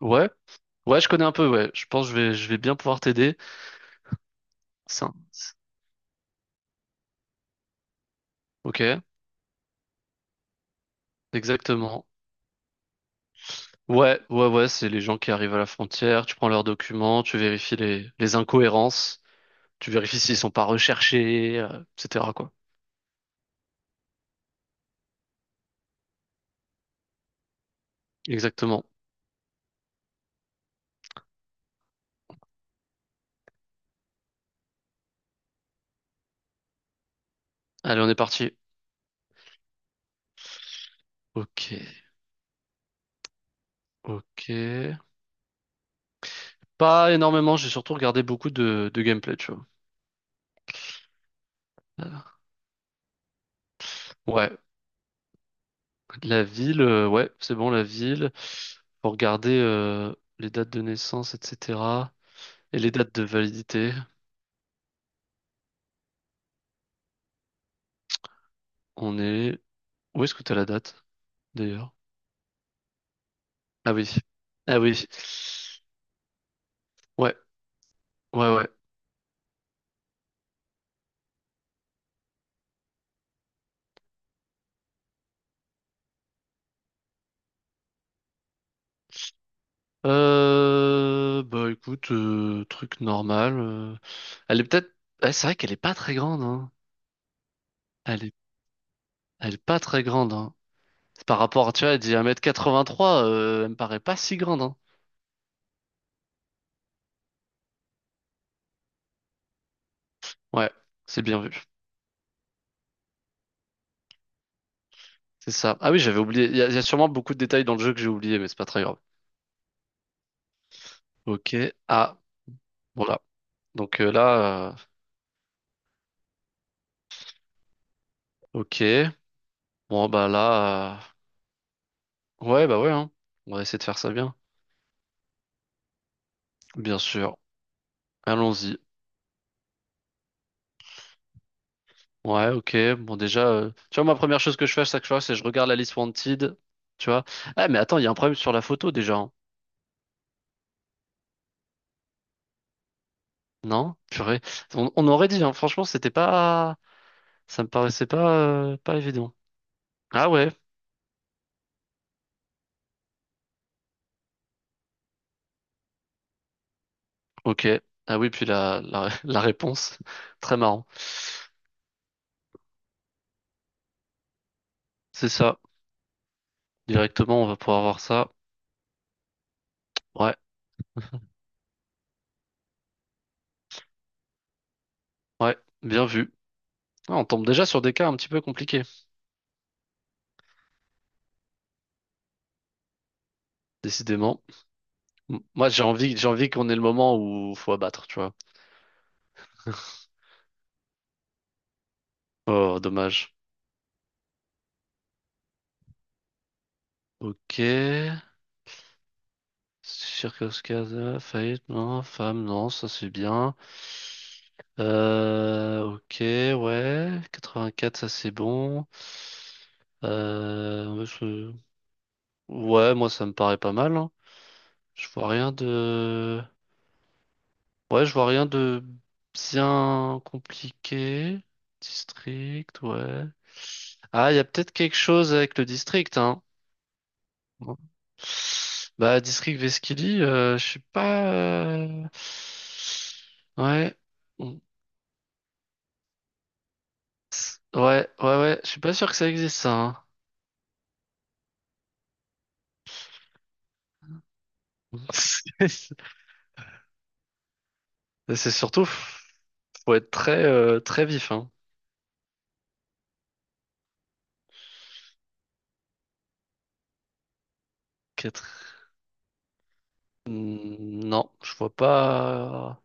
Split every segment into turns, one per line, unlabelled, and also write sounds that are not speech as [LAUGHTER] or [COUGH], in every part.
Ouais, ouais, je connais un peu, ouais. Je pense que je vais bien pouvoir t'aider. Ça- Ok, exactement. Ouais, ouais, ouais, c'est les gens qui arrivent à la frontière, tu prends leurs documents, tu vérifies les incohérences, tu vérifies s'ils sont pas recherchés, etc., quoi. Exactement. Allez, on est parti. Ok, ok. Pas énormément, j'ai surtout regardé beaucoup de gameplay, tu vois. Euh, Ouais, la ville, ouais, c'est bon, la ville. Faut regarder les dates de naissance, etc. Et les dates de validité. On est... Où est-ce que t'as la date, d'ailleurs? Ah oui. Ah oui. Ouais, ouais, ouais. Bah écoute, truc normal. Elle est peut-être... Ouais, c'est vrai qu'elle est pas très grande, hein. Elle est, elle est pas très grande, hein. C'est par rapport, tu vois, elle dit 1,83 m, elle me paraît pas si grande, hein. Ouais, c'est bien vu. C'est ça. Ah oui, j'avais oublié. Il y a sûrement beaucoup de détails dans le jeu que j'ai oublié, mais c'est pas très grave. Ok. Ah, voilà. Donc là, ok. Bon, bah là. Ouais, bah ouais, hein. On va essayer de faire ça bien. Bien sûr. Allons-y. Ouais, ok. Bon, déjà, tu vois, ma première chose que je fais à chaque fois, c'est je regarde la liste Wanted. Tu vois. Ah, mais attends, il y a un problème sur la photo déjà, hein. Non? Purée. On aurait dit, hein. Franchement, c'était pas. Ça me paraissait pas, pas évident. Ah ouais, ok. Ah oui, puis [LAUGHS] la réponse. Très marrant. C'est ça. Directement, on va pouvoir voir ça. Ouais, ouais. Bien vu. Ah, on tombe déjà sur des cas un petit peu compliqués, décidément. Moi, j'ai envie qu'on ait le moment où faut abattre, tu vois. Oh, dommage. Ok. Circoscasa, faillite, non. Femme, non, ça c'est bien. Ok, ouais. 84, ça c'est bon. Euh, je- Ouais, moi ça me paraît pas mal, hein. Je vois rien de... Ouais, je vois rien de bien compliqué. District, ouais. Ah, il y a peut-être quelque chose avec le district, hein. Bon. Bah, District Vesquili, je suis pas. Ouais. Mm. Ouais, ouais, ouais. Je suis pas sûr que ça existe, ça, hein. [LAUGHS] C'est surtout, faut être très, très vif, hein. Quatre- Hmm, non, je vois pas.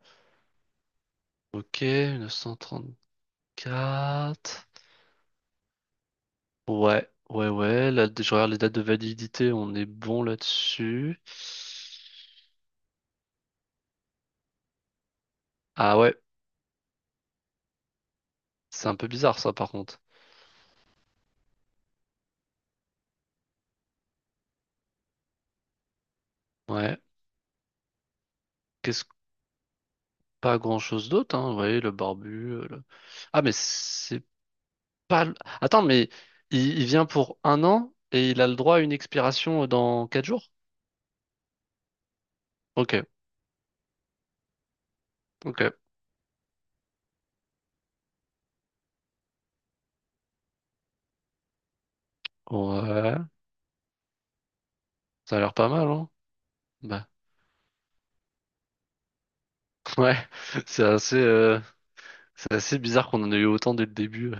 Ok, 1934. Ouais, ouais, ouais. Là, je regarde les dates de validité, on est bon là-dessus. Ah ouais, c'est un peu bizarre, ça, par contre. Ouais. Qu'est-ce Pas grand-chose d'autre, hein. Vous voyez, le barbu. Ah, mais c'est pas. Attends, mais il vient pour un an et il a le droit à une expiration dans 4 jours? Ok, ok. Ouais, ça a l'air pas mal, hein? Bah, [LAUGHS] ouais, c'est assez, euh, c'est assez bizarre qu'on en ait eu autant dès le début.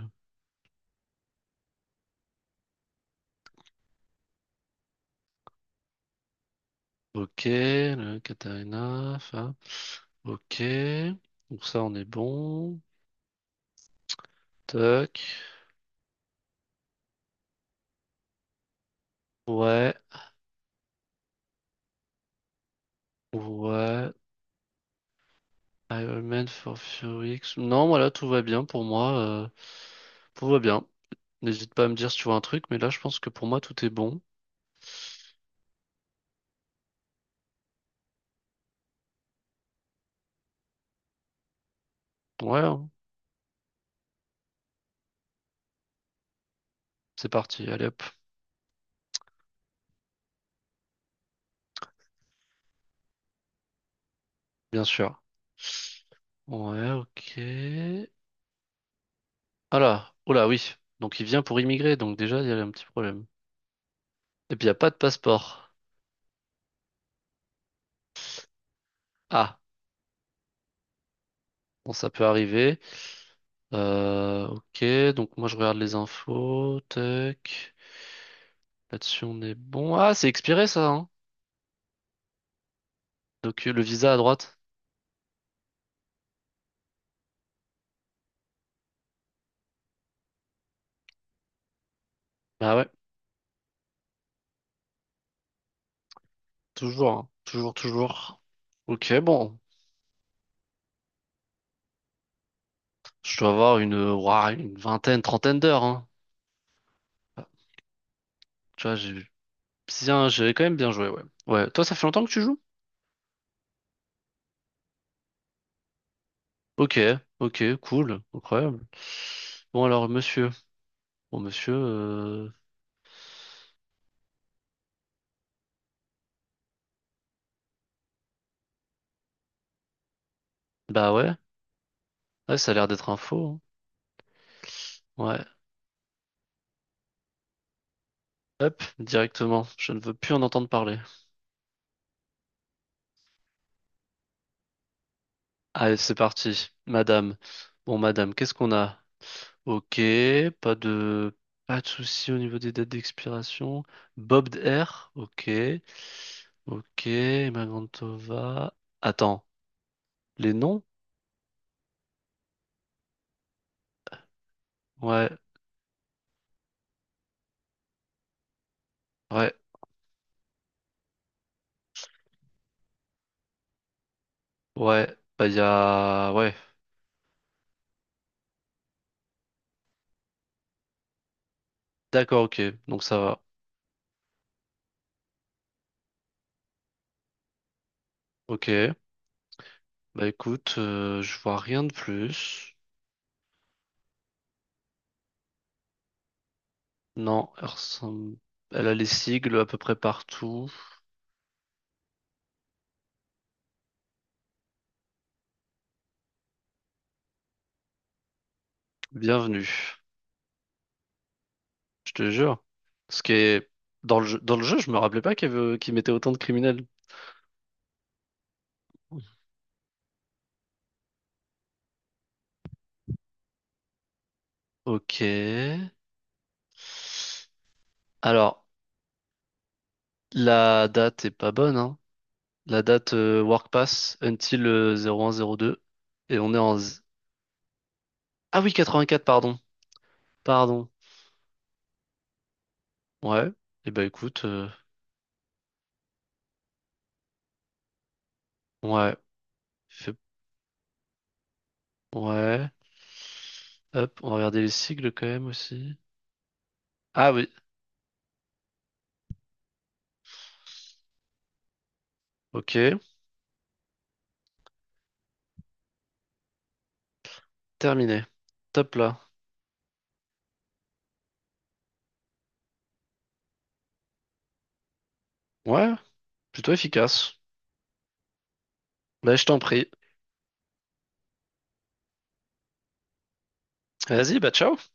Ok, le Katarina, ça. Ok, donc ça, on est bon. Tac. Ouais, ouais. Iron Man for Fury X. Non, voilà, tout va bien pour moi. Tout va bien. N'hésite pas à me dire si tu vois un truc, mais là, je pense que pour moi, tout est bon. Ouais, hein, c'est parti. Allez hop, bien sûr. Ouais, ok. Ah là, oh là, oui. Donc, il vient pour immigrer, donc déjà, il y a un petit problème. Et puis, il n'y a pas de passeport. Ah, bon, ça peut arriver. Ok, donc moi, je regarde les infos. Tac. Là-dessus, on est bon. Ah, c'est expiré, ça, hein. Donc, le visa à droite. Bah ouais. Toujours, hein. Toujours, toujours. Ok, bon. Je dois avoir une, ouah, une vingtaine, trentaine d'heures, hein. Tu vois, j'ai quand même bien joué, ouais. Ouais. Toi, ça fait longtemps que tu joues? Ok, ok, cool, incroyable. Bon, alors, monsieur. Bon, monsieur, bah ouais. Ouais, ça a l'air d'être un faux, hein. Ouais. Hop, directement. Je ne veux plus en entendre parler. Allez, c'est parti. Madame. Bon, madame, qu'est-ce qu'on a? Ok, pas de pas de souci au niveau des dates d'expiration. Bob Air, ok. Ok, Emma Grantova. Attends, les noms? Ouais, ouais, ouais. Bah il y a ouais. D'accord, ok. Donc ça va. Ok. Bah écoute, je vois rien de plus. Non, elle a les sigles à peu près partout. Bienvenue. Je te jure. Ce qui est dans le jeu, je me rappelais pas qu'il mettait autant de criminels. Ok. Alors, la date est pas bonne, hein. La date Work Pass until 0102. Et on est... en... z- Ah oui, 84, pardon. Pardon. Ouais. Et ben écoute, ouais. Fais- Ouais. Hop, on va regarder les sigles quand même aussi. Ah oui, ok. Terminé. Top là. Ouais, plutôt efficace. Bah je t'en prie. Vas-y, bah ciao.